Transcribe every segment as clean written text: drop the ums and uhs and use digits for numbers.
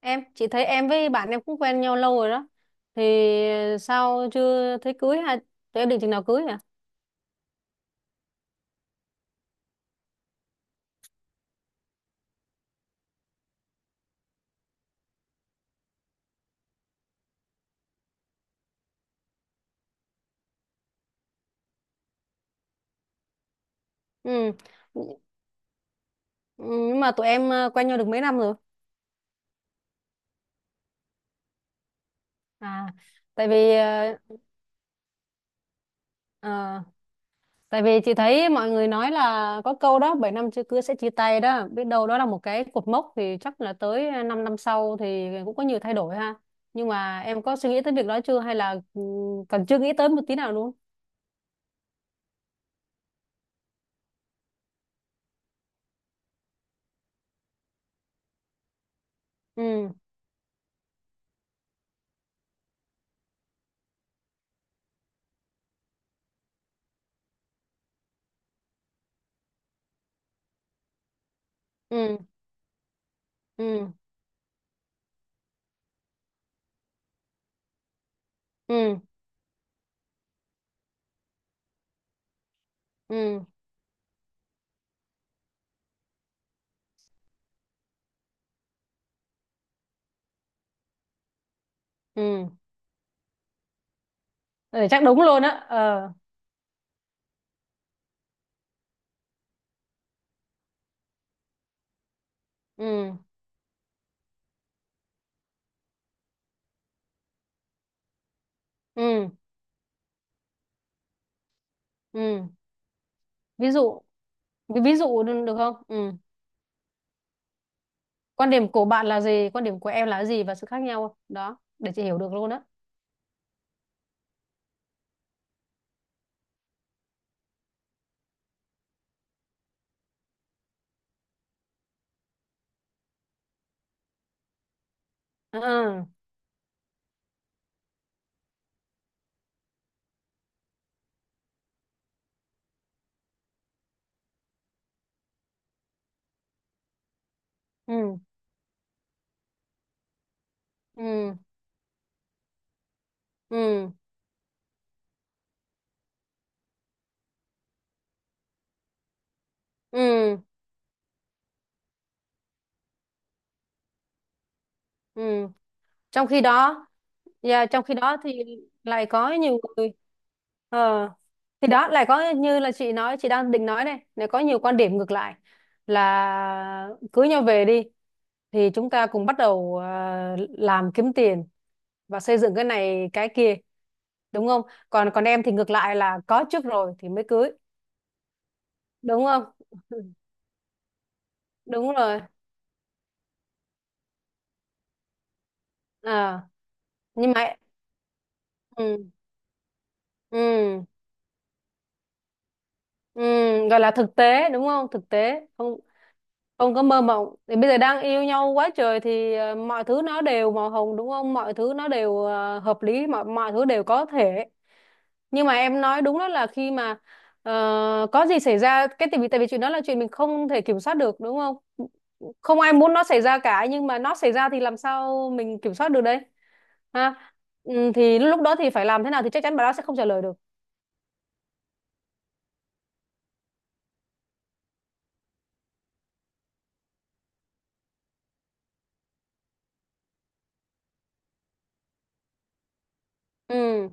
Em, chị thấy em với bạn em cũng quen nhau lâu rồi đó thì sao chưa thấy cưới, hay tụi em định chừng nào cưới hả? Ừ. Ừ, nhưng mà tụi em quen nhau được mấy năm rồi? À. tại vì ờ, ờ, tại vì chị thấy mọi người nói là có câu đó 7 năm chưa cưới sẽ chia tay đó, biết đâu đó là một cái cột mốc, thì chắc là tới 5 năm năm sau thì cũng có nhiều thay đổi ha. Nhưng mà em có suy nghĩ tới việc đó chưa, hay là còn chưa nghĩ tới một tí nào luôn? Ừ, ừ, ừ, ừ, ừ, ừ, ừ. Ừ, chắc đúng luôn á ờ ừ, ừ, ừ. Ví dụ. Ví dụ được được không? Ừ. Quan điểm của bạn là gì, quan điểm của em là gì, và sự khác nhau đó để chị hiểu được luôn á? Ừ, ừ, ừ, ừ, ừ, ừ. Trong khi đó, yeah, trong khi đó thì lại có nhiều người. ờ thì đó, lại có như là chị nói, chị đang định nói này, lại có nhiều quan điểm ngược lại, là cưới nhau về đi thì chúng ta cùng bắt đầu làm kiếm tiền và xây dựng cái này cái kia, đúng không? Còn còn em thì ngược lại, là có trước rồi thì mới cưới, đúng không? Đúng rồi. À. Nhưng mà ừ, ừ, ừ, gọi là thực tế, đúng không? Thực tế không? Không có mơ mộng, thì bây giờ đang yêu nhau quá trời thì mọi thứ nó đều màu hồng, đúng không? Mọi thứ nó đều hợp lý, mọi mọi thứ đều có thể. Nhưng mà em nói đúng đó, là khi mà có gì xảy ra cái, tại vì chuyện đó là chuyện mình không thể kiểm soát được, đúng không? Không ai muốn nó xảy ra cả, nhưng mà nó xảy ra thì làm sao mình kiểm soát được đây, ha? Ừ, thì lúc đó thì phải làm thế nào, thì chắc chắn bà đó sẽ không trả lời được. Ừ,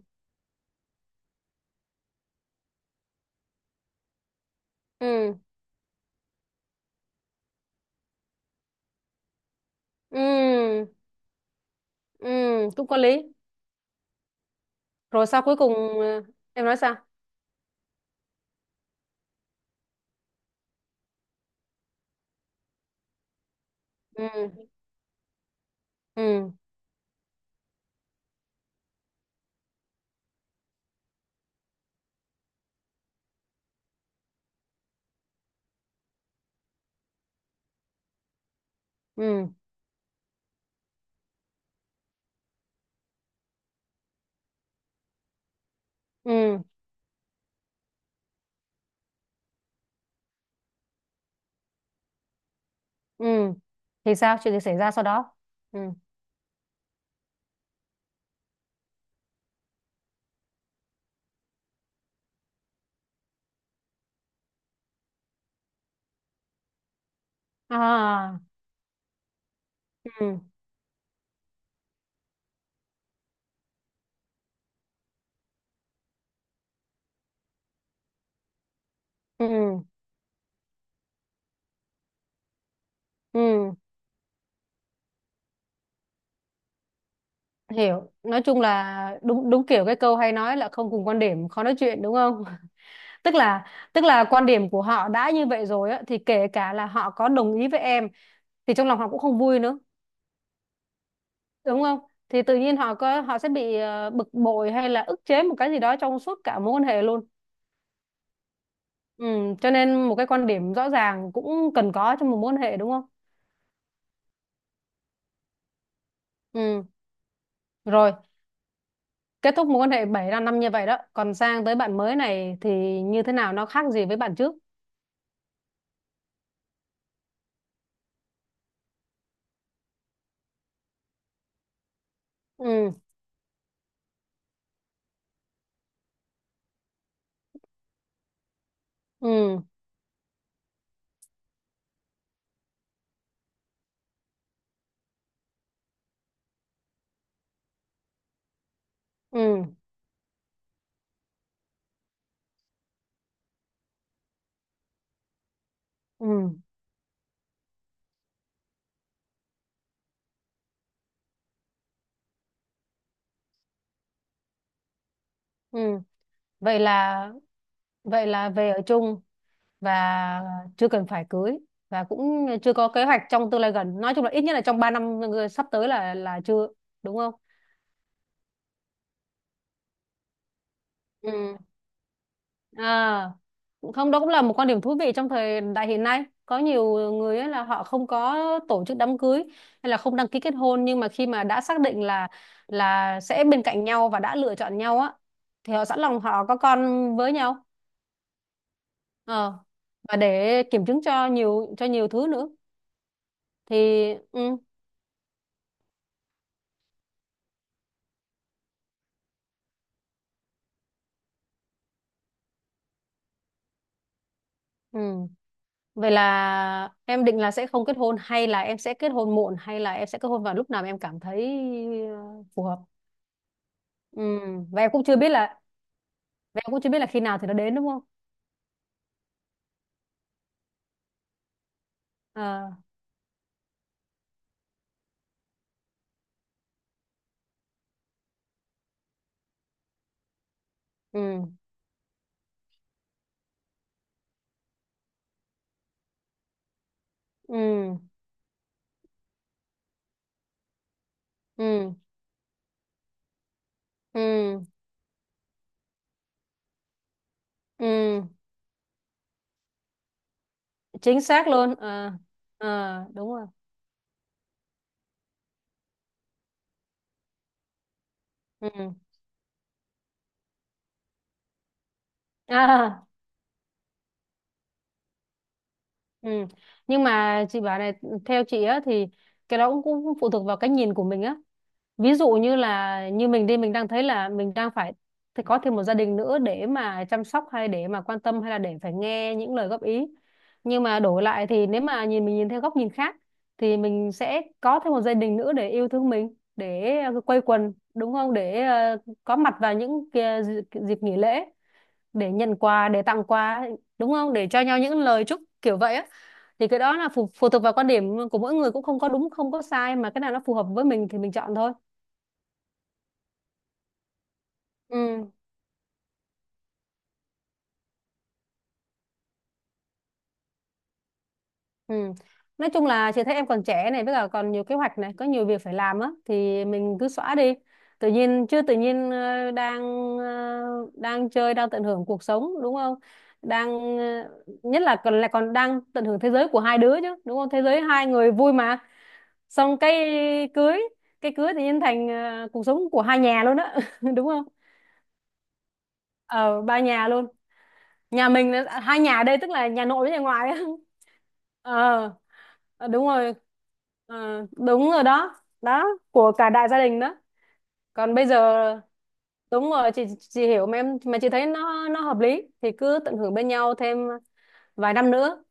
ừ, ừ, ừ, cũng có lý. Rồi sau cuối cùng, ờ, em nói sao? Ừ, ừ, ừ, ừ, ừ. Thì sao, chuyện gì xảy ra sau đó? Ừ. À. Ừ, ừ, ừ. Hiểu. Nói chung là đúng, đúng kiểu cái câu hay nói là không cùng quan điểm khó nói chuyện, đúng không? tức là tức là quan điểm của họ đã như vậy rồi á, thì kể cả là họ có đồng ý với em, thì trong lòng họ cũng không vui nữa, đúng không? Thì tự nhiên họ có, họ sẽ bị bực bội hay là ức chế một cái gì đó trong suốt cả mối quan hệ luôn. Ừ, cho nên một cái quan điểm rõ ràng cũng cần có trong một mối quan hệ, đúng không? Ừ, rồi, kết thúc mối quan hệ 7 năm năm như vậy đó. Còn sang tới bạn mới này thì như thế nào, nó khác gì với bạn trước? Ừ, ừ, ừ, ừ, ừ. Vậy là vậy là về ở chung, và chưa cần phải cưới, và cũng chưa có kế hoạch trong tương lai gần. Nói chung là ít nhất là trong 3 năm sắp tới là chưa, đúng không? Ừ. À, không, đó cũng là một quan điểm thú vị trong thời đại hiện nay, có nhiều người ấy là họ không có tổ chức đám cưới hay là không đăng ký kết hôn, nhưng mà khi mà đã xác định là sẽ bên cạnh nhau và đã lựa chọn nhau á, thì họ sẵn lòng họ có con với nhau. ờ và để kiểm chứng cho nhiều thứ nữa, thì ừ, ừ. Vậy là em định là sẽ không kết hôn, hay là em sẽ kết hôn muộn, hay là em sẽ kết hôn vào lúc nào mà em cảm thấy phù hợp? Ừ. và em cũng chưa biết là và em cũng chưa biết là khi nào thì nó đến, đúng không? Ờ, ừ, ừ, ừ, ừ, ừ, chính xác luôn à. À, đúng rồi. Ừ. À. Ừ. Nhưng mà chị bảo này, theo chị á thì cái đó cũng phụ thuộc vào cái nhìn của mình á. Ví dụ như là, như mình đi, mình đang thấy là mình đang phải, thì có thêm một gia đình nữa để mà chăm sóc, hay để mà quan tâm, hay là để phải nghe những lời góp ý. Nhưng mà đổi lại thì nếu mà nhìn, mình nhìn theo góc nhìn khác, thì mình sẽ có thêm một gia đình nữa để yêu thương mình, để quây quần, đúng không, để có mặt vào những kia dịp nghỉ lễ, để nhận quà, để tặng quà, đúng không, để cho nhau những lời chúc kiểu vậy á. Thì cái đó là phụ thuộc vào quan điểm của mỗi người, cũng không có đúng không có sai, mà cái nào nó phù hợp với mình thì mình chọn thôi. Ừ, ừ. Nói chung là chị thấy em còn trẻ này, với cả còn nhiều kế hoạch này, có nhiều việc phải làm á, thì mình cứ xóa đi tự nhiên chứ, tự nhiên đang ờ, đang chơi, đang tận hưởng cuộc sống, đúng không? Đang nhất là còn đang tận hưởng thế giới của hai đứa chứ, đúng không? Thế giới hai người vui mà. Xong cái cưới, cái cưới tự nhiên thành cuộc sống của hai nhà luôn á, đúng không? Ờ, ba nhà luôn. Hai nhà ở đây tức là nhà nội với nhà ngoại á. Ờ. Ờ, đúng rồi. Ờ, đúng rồi đó, đó của cả đại gia đình đó. Còn bây giờ đúng rồi. Chị hiểu mà em, mà chị thấy nó hợp lý thì cứ tận hưởng bên nhau thêm vài năm nữa,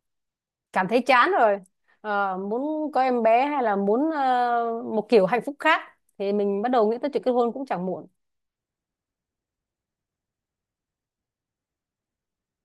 cảm thấy chán rồi, muốn có em bé hay là muốn một kiểu hạnh phúc khác, thì mình bắt đầu nghĩ tới chuyện kết hôn cũng chẳng muộn.